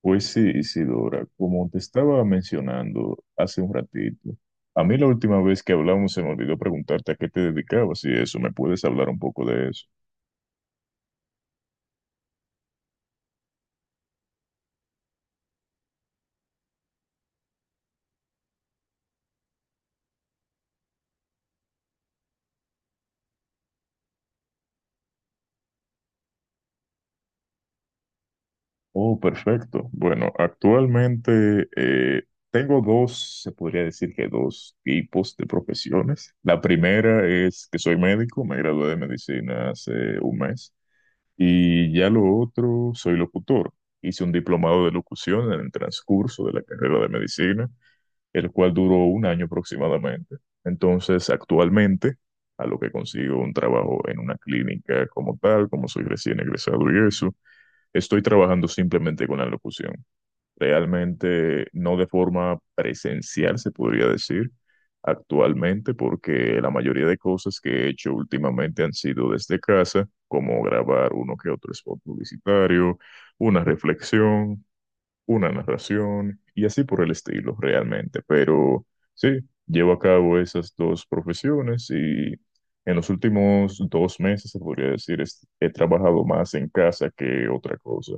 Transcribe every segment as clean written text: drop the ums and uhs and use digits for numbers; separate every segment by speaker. Speaker 1: Pues sí, Isidora, como te estaba mencionando hace un ratito, a mí la última vez que hablamos se me olvidó preguntarte a qué te dedicabas y eso, ¿me puedes hablar un poco de eso? Oh, perfecto. Bueno, actualmente tengo dos, se podría decir que dos tipos de profesiones. La primera es que soy médico, me gradué de medicina hace un mes, y ya lo otro, soy locutor. Hice un diplomado de locución en el transcurso de la carrera de medicina, el cual duró un año aproximadamente. Entonces, actualmente, a lo que consigo un trabajo en una clínica como tal, como soy recién egresado y eso, estoy trabajando simplemente con la locución. Realmente no de forma presencial, se podría decir, actualmente, porque la mayoría de cosas que he hecho últimamente han sido desde casa, como grabar uno que otro spot publicitario, una reflexión, una narración y así por el estilo realmente. Pero sí, llevo a cabo esas dos profesiones y en los últimos 2 meses, se podría decir, he trabajado más en casa que otra cosa.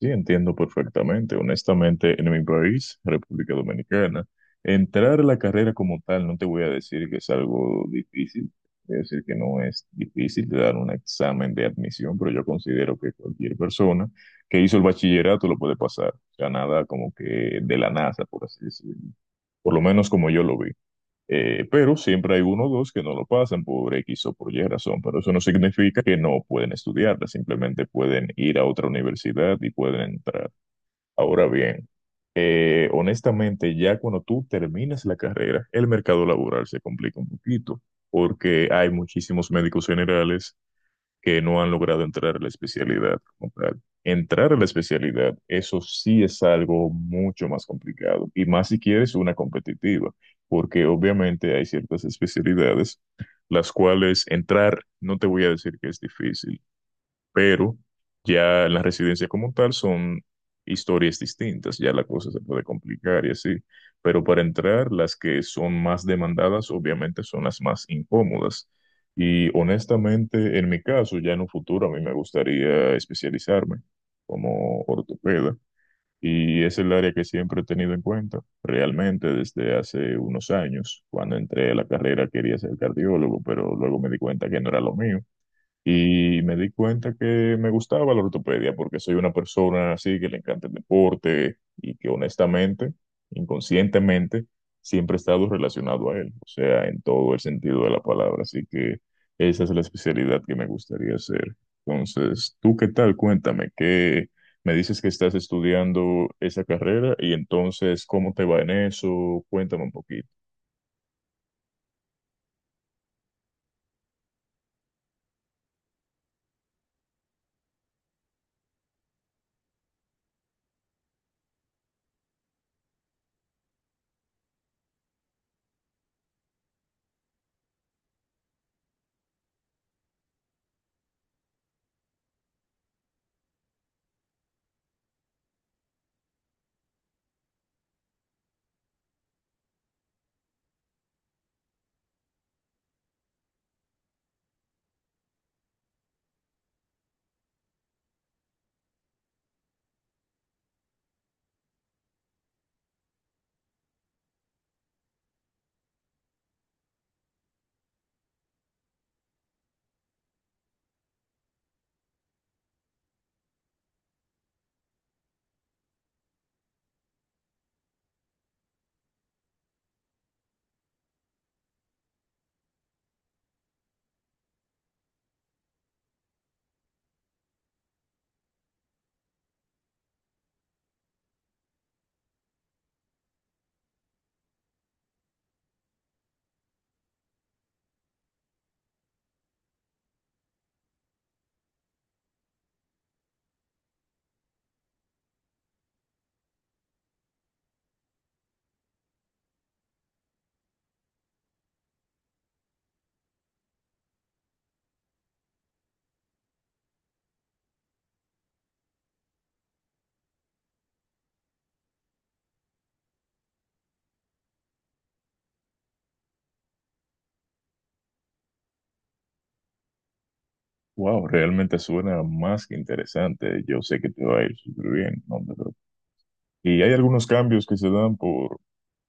Speaker 1: Sí, entiendo perfectamente. Honestamente, en mi país, República Dominicana, entrar a la carrera como tal, no te voy a decir que es algo difícil, voy a decir que no es difícil de dar un examen de admisión, pero yo considero que cualquier persona que hizo el bachillerato lo puede pasar. O sea, nada como que de la NASA, por así decirlo. Por lo menos como yo lo vi. Pero siempre hay uno o dos que no lo pasan por X o por Y razón, pero eso no significa que no pueden estudiarla, simplemente pueden ir a otra universidad y pueden entrar. Ahora bien, honestamente, ya cuando tú terminas la carrera, el mercado laboral se complica un poquito, porque hay muchísimos médicos generales que no han logrado entrar a la especialidad como tal. Entrar a la especialidad, eso sí es algo mucho más complicado, y más si quieres una competitiva, porque obviamente hay ciertas especialidades las cuales entrar, no te voy a decir que es difícil, pero ya en la residencia como tal son historias distintas, ya la cosa se puede complicar y así, pero para entrar las que son más demandadas obviamente son las más incómodas. Y honestamente, en mi caso, ya en un futuro a mí me gustaría especializarme como ortopeda y es el área que siempre he tenido en cuenta, realmente desde hace unos años. Cuando entré a la carrera quería ser cardiólogo, pero luego me di cuenta que no era lo mío y me di cuenta que me gustaba la ortopedia porque soy una persona así que le encanta el deporte y que honestamente, inconscientemente, siempre he estado relacionado a él, o sea, en todo el sentido de la palabra. Así que esa es la especialidad que me gustaría hacer. Entonces, ¿tú qué tal? Cuéntame, ¿qué me dices que estás estudiando esa carrera y entonces cómo te va en eso? Cuéntame un poquito. Wow, realmente suena más que interesante. Yo sé que te va a ir súper bien, no te preocupes. Y hay algunos cambios que se dan por,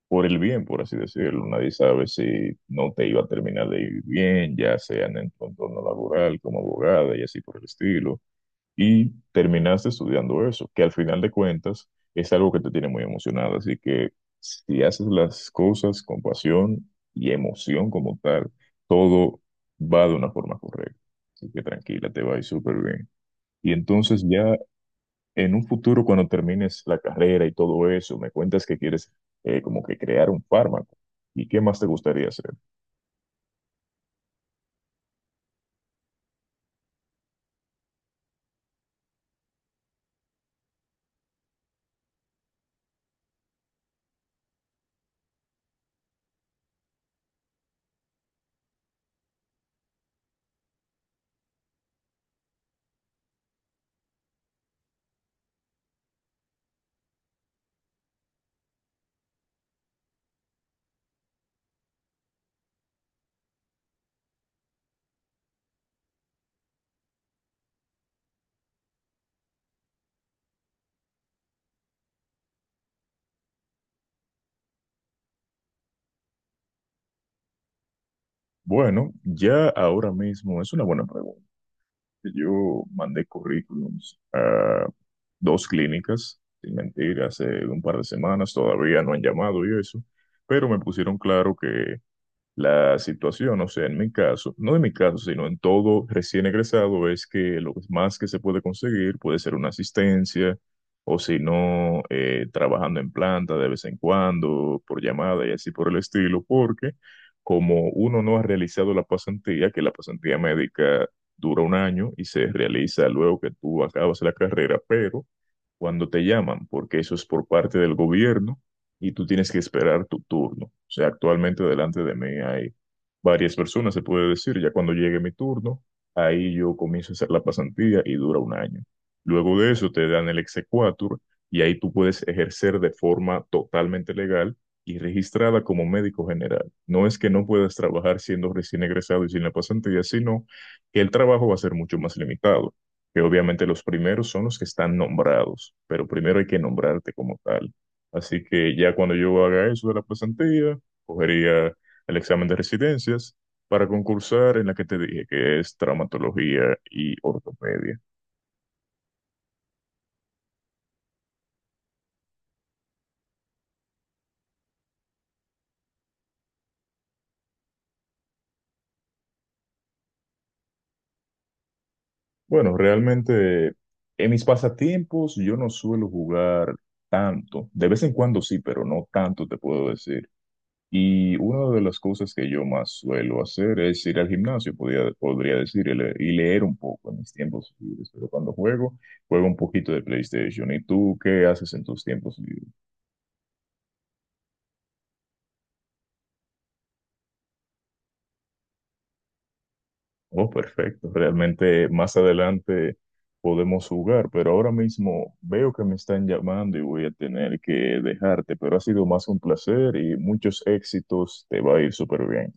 Speaker 1: por el bien, por así decirlo. Nadie sabe si no te iba a terminar de ir bien, ya sea en el entorno laboral, como abogada y así por el estilo. Y terminaste estudiando eso, que al final de cuentas es algo que te tiene muy emocionado. Así que si haces las cosas con pasión y emoción como tal, todo va de una forma correcta. Así que tranquila, te va a ir súper bien. Y entonces ya en un futuro, cuando termines la carrera y todo eso, me cuentas que quieres como que crear un fármaco. ¿Y qué más te gustaría hacer? Bueno, ya ahora mismo es una buena pregunta. Yo mandé currículums a dos clínicas, sin mentir, hace un par de semanas, todavía no han llamado y eso, pero me pusieron claro que la situación, o sea, en mi caso, no en mi caso, sino en todo recién egresado, es que lo más que se puede conseguir puede ser una asistencia, o si no, trabajando en planta de vez en cuando, por llamada y así por el estilo, porque como uno no ha realizado la pasantía, que la pasantía médica dura un año y se realiza luego que tú acabas la carrera, pero cuando te llaman, porque eso es por parte del gobierno, y tú tienes que esperar tu turno. O sea, actualmente delante de mí hay varias personas, se puede decir. Ya cuando llegue mi turno, ahí yo comienzo a hacer la pasantía y dura un año. Luego de eso te dan el exequatur y ahí tú puedes ejercer de forma totalmente legal y registrada como médico general. No es que no puedas trabajar siendo recién egresado y sin la pasantía, sino que el trabajo va a ser mucho más limitado, que obviamente los primeros son los que están nombrados, pero primero hay que nombrarte como tal. Así que ya cuando yo haga eso de la pasantía, cogería el examen de residencias para concursar en la que te dije, que es traumatología y ortopedia. Bueno, realmente en mis pasatiempos yo no suelo jugar tanto. De vez en cuando sí, pero no tanto te puedo decir. Y una de las cosas que yo más suelo hacer es ir al gimnasio, podría decir, y y leer un poco en mis tiempos libres. Pero cuando juego, juego un poquito de PlayStation. ¿Y tú qué haces en tus tiempos libres? Oh, perfecto. Realmente más adelante podemos jugar, pero ahora mismo veo que me están llamando y voy a tener que dejarte, pero ha sido más un placer y muchos éxitos. Te va a ir súper bien.